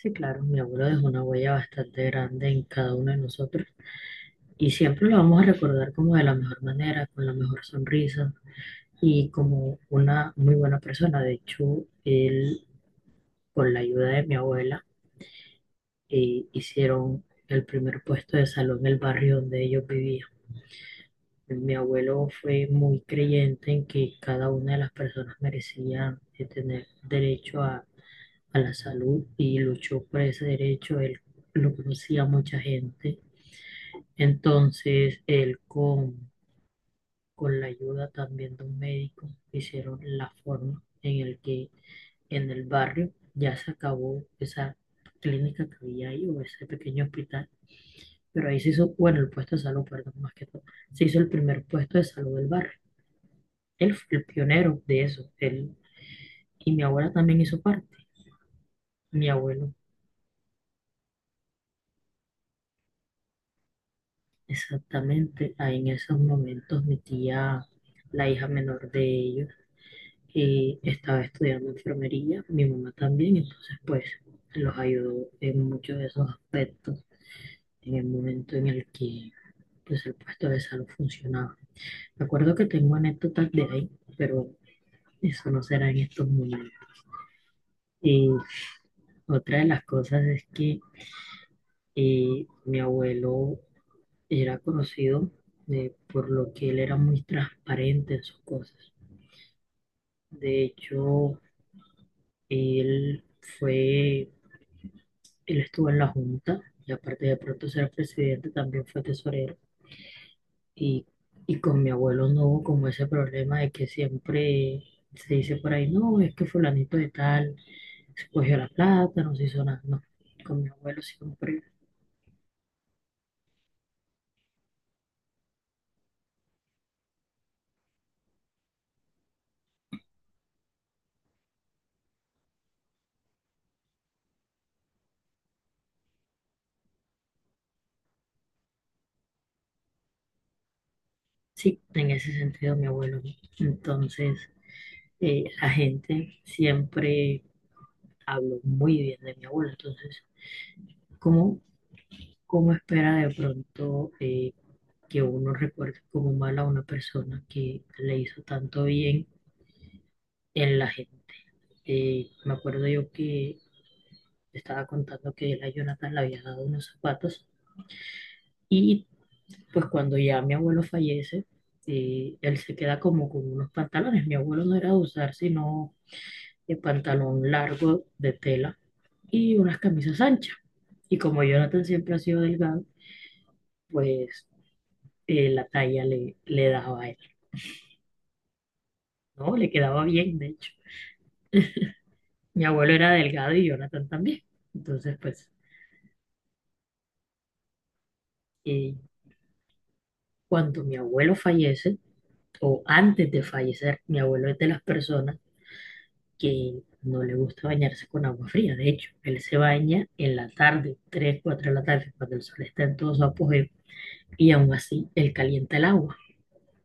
Sí, claro, mi abuelo dejó una huella bastante grande en cada uno de nosotros y siempre lo vamos a recordar como de la mejor manera, con la mejor sonrisa y como una muy buena persona. De hecho, él, con la ayuda de mi abuela, hicieron el primer puesto de salud en el barrio donde ellos vivían. Mi abuelo fue muy creyente en que cada una de las personas merecían tener derecho a la salud y luchó por ese derecho. Él lo conocía a mucha gente. Entonces, él con la ayuda también de un médico hicieron la forma en el que en el barrio ya se acabó esa clínica que había ahí o ese pequeño hospital, pero ahí se hizo, bueno, el puesto de salud, perdón, más que todo, se hizo el primer puesto de salud del barrio. Él fue el pionero de eso, él y mi abuela también hizo parte, mi abuelo, exactamente, ahí en esos momentos mi tía, la hija menor de ellos, y estaba estudiando enfermería, mi mamá también, entonces pues los ayudó en muchos de esos aspectos en el momento en el que pues el puesto de salud funcionaba. Me acuerdo que tengo anécdotas de ahí, pero eso no será en estos momentos. Y otra de las cosas es que mi abuelo era conocido por lo que él era muy transparente en sus cosas. De hecho, él fue él estuvo en la Junta y aparte de pronto ser presidente también fue tesorero. Y, y con mi abuelo no hubo como ese problema de que siempre se dice por ahí, no, es que fulanito de tal se cogió la plata, no se hizo nada. No, con mi abuelo siempre, sí, en ese sentido mi abuelo. No. Entonces, la gente siempre habló muy bien de mi abuelo. Entonces, ¿cómo, cómo espera de pronto, que uno recuerde como mal a una persona que le hizo tanto bien en la gente? Me acuerdo yo que estaba contando que él a Jonathan le había dado unos zapatos y pues cuando ya mi abuelo fallece, él se queda como con unos pantalones. Mi abuelo no era de usar sino el pantalón largo de tela y unas camisas anchas. Y como Jonathan siempre ha sido delgado, pues la talla le daba a él, ¿no? Le quedaba bien, de hecho. Mi abuelo era delgado y Jonathan también. Entonces, pues, eh, cuando mi abuelo fallece, o antes de fallecer, mi abuelo es de las personas que no le gusta bañarse con agua fría. De hecho, él se baña en la tarde, 3, 4 de la tarde, cuando el sol está en todo su apogeo, y aún así él calienta el agua.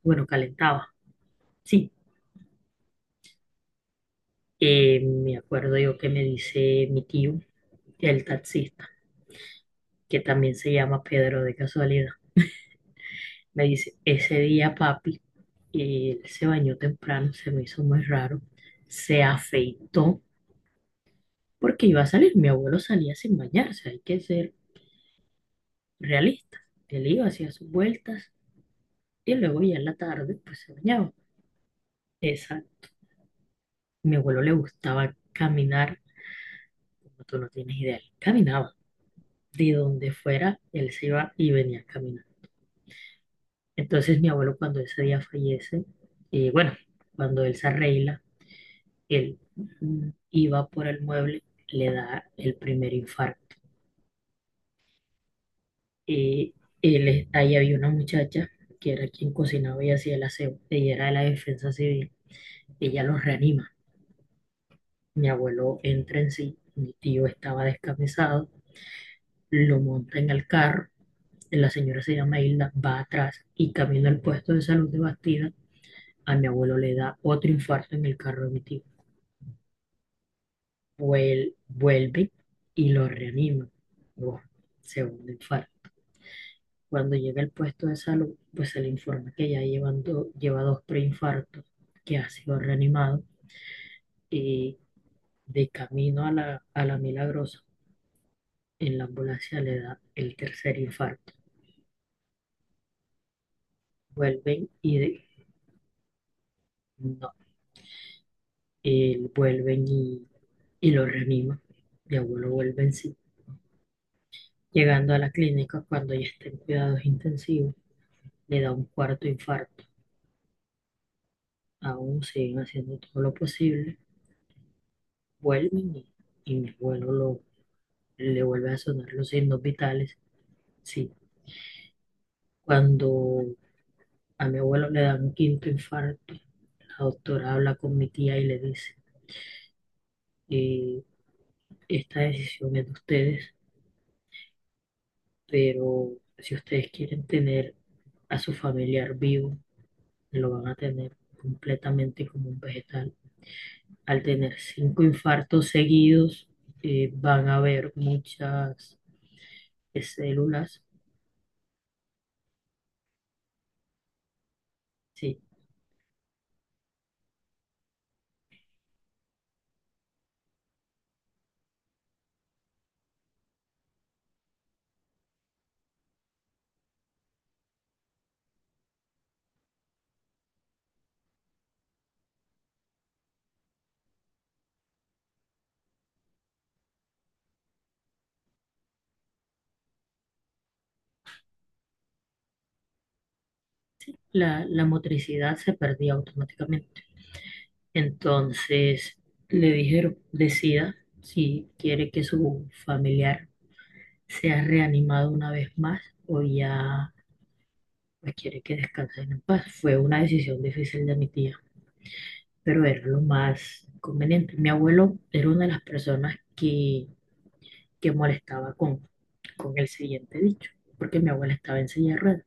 Bueno, calentaba. Sí, me acuerdo yo que me dice mi tío, el taxista, que también se llama Pedro de casualidad. Me dice, ese día papi, él se bañó temprano, se me hizo muy raro, se afeitó porque iba a salir. Mi abuelo salía sin bañarse, hay que ser realista. Él iba, hacía sus vueltas y luego ya en la tarde pues se bañaba. Esa, mi abuelo le gustaba caminar, como tú no tienes idea, él caminaba. De donde fuera, él se iba y venía a caminar. Entonces mi abuelo cuando ese día fallece, y bueno, cuando él se arregla, él iba por el mueble, le da el primer infarto. Y él, ahí había una muchacha que era quien cocinaba y hacía el aseo. Ella era de la defensa civil. Ella los reanima. Mi abuelo entra en sí. Mi tío estaba descamisado. Lo monta en el carro. La señora se llama Hilda, va atrás y camino al puesto de salud de Bastida. A mi abuelo le da otro infarto en el carro de mi tío. Vuelve y lo reanima. Buah, segundo infarto. Cuando llega al puesto de salud, pues se le informa que ya lleva dos preinfartos, que ha sido reanimado y de camino a la Milagrosa, en la ambulancia le da el tercer infarto. Vuelven y de- no, vuelven y lo reaniman. Mi abuelo vuelve en sí. Llegando a la clínica, cuando ya está en cuidados intensivos, le da un cuarto infarto. Aún siguen haciendo todo lo posible, vuelven y mi abuelo le vuelve a sonar los signos vitales. Sí, cuando a mi abuelo le dan un quinto infarto, la doctora habla con mi tía y le dice, eh, esta decisión es de ustedes, pero si ustedes quieren tener a su familiar vivo, lo van a tener completamente como un vegetal. Al tener cinco infartos seguidos, van a haber muchas células. Sí, la motricidad se perdía automáticamente. Entonces le dijeron, decida si quiere que su familiar sea reanimado una vez más o ya pues, quiere que descansen en paz. Fue una decisión difícil de mi tía, pero era lo más conveniente. Mi abuelo era una de las personas que, molestaba con el siguiente dicho, porque mi abuela estaba en silla de ruedas.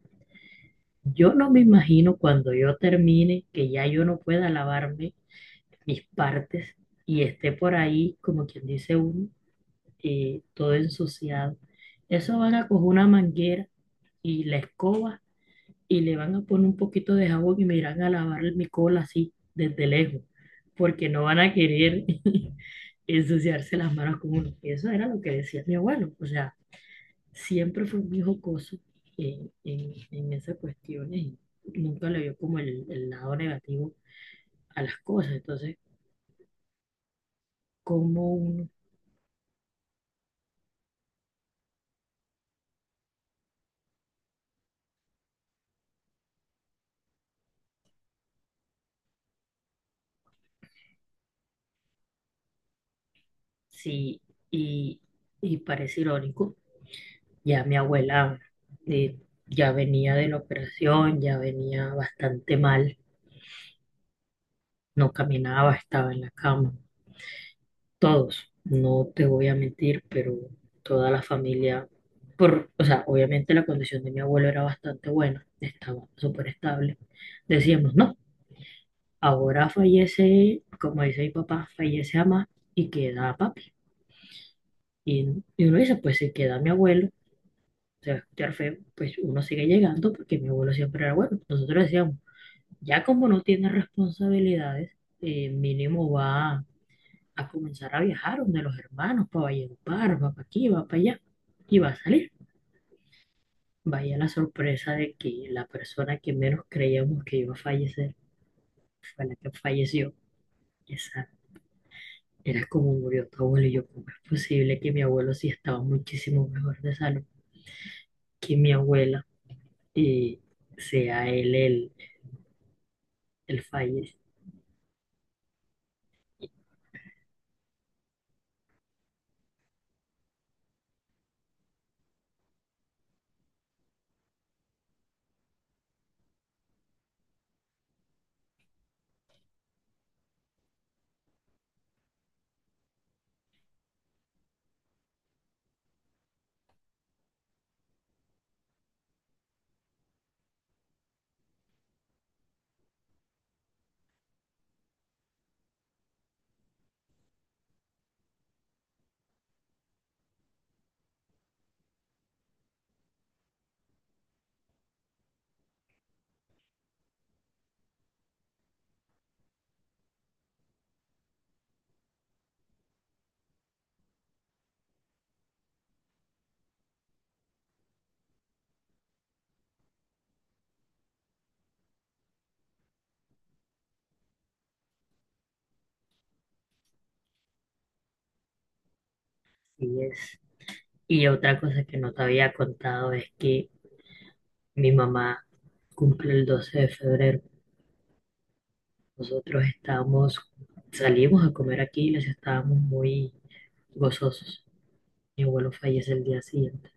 Yo no me imagino cuando yo termine que ya yo no pueda lavarme mis partes y esté por ahí, como quien dice, uno y todo ensuciado. Eso van a coger una manguera y la escoba y le van a poner un poquito de jabón y me irán a lavar mi cola así, desde lejos, porque no van a querer ensuciarse las manos con uno. Eso era lo que decía mi abuelo. O sea, siempre fue muy jocoso en esas cuestiones. Y nunca le vio como el lado negativo a las cosas. Entonces, como uno, sí, y, y parece irónico. Ya mi abuela eh, ya venía de la operación, ya venía bastante mal, no caminaba, estaba en la cama. Todos, no te voy a mentir, pero toda la familia, por, o sea, obviamente la condición de mi abuelo era bastante buena, estaba súper estable. Decíamos, no, ahora fallece, como dice mi papá, fallece mamá y queda papi. Y uno dice, pues si queda mi abuelo, se va a escuchar feo, pues uno sigue llegando porque mi abuelo siempre era bueno. Nosotros decíamos, ya como no tiene responsabilidades, mínimo va a comenzar a viajar donde los hermanos, para Valledupar, va para aquí, va para allá, y va a salir. Vaya la sorpresa de que la persona que menos creíamos que iba a fallecer fue la que falleció. Esa era como murió tu abuelo y yo, ¿cómo es posible que mi abuelo sí estaba muchísimo mejor de salud que mi abuela y sea él el fallecido? Y es. Y otra cosa que no te había contado es que mi mamá cumple el 12 de febrero. Nosotros estábamos, salimos a comer aquí y les estábamos muy gozosos. Mi abuelo fallece el día siguiente.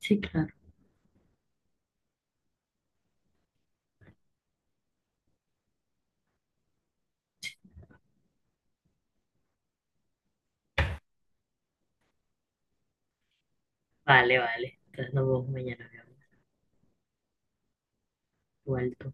Sí, claro. Vale, vale. Entonces nos vemos mañana, mi amor. Igual tú.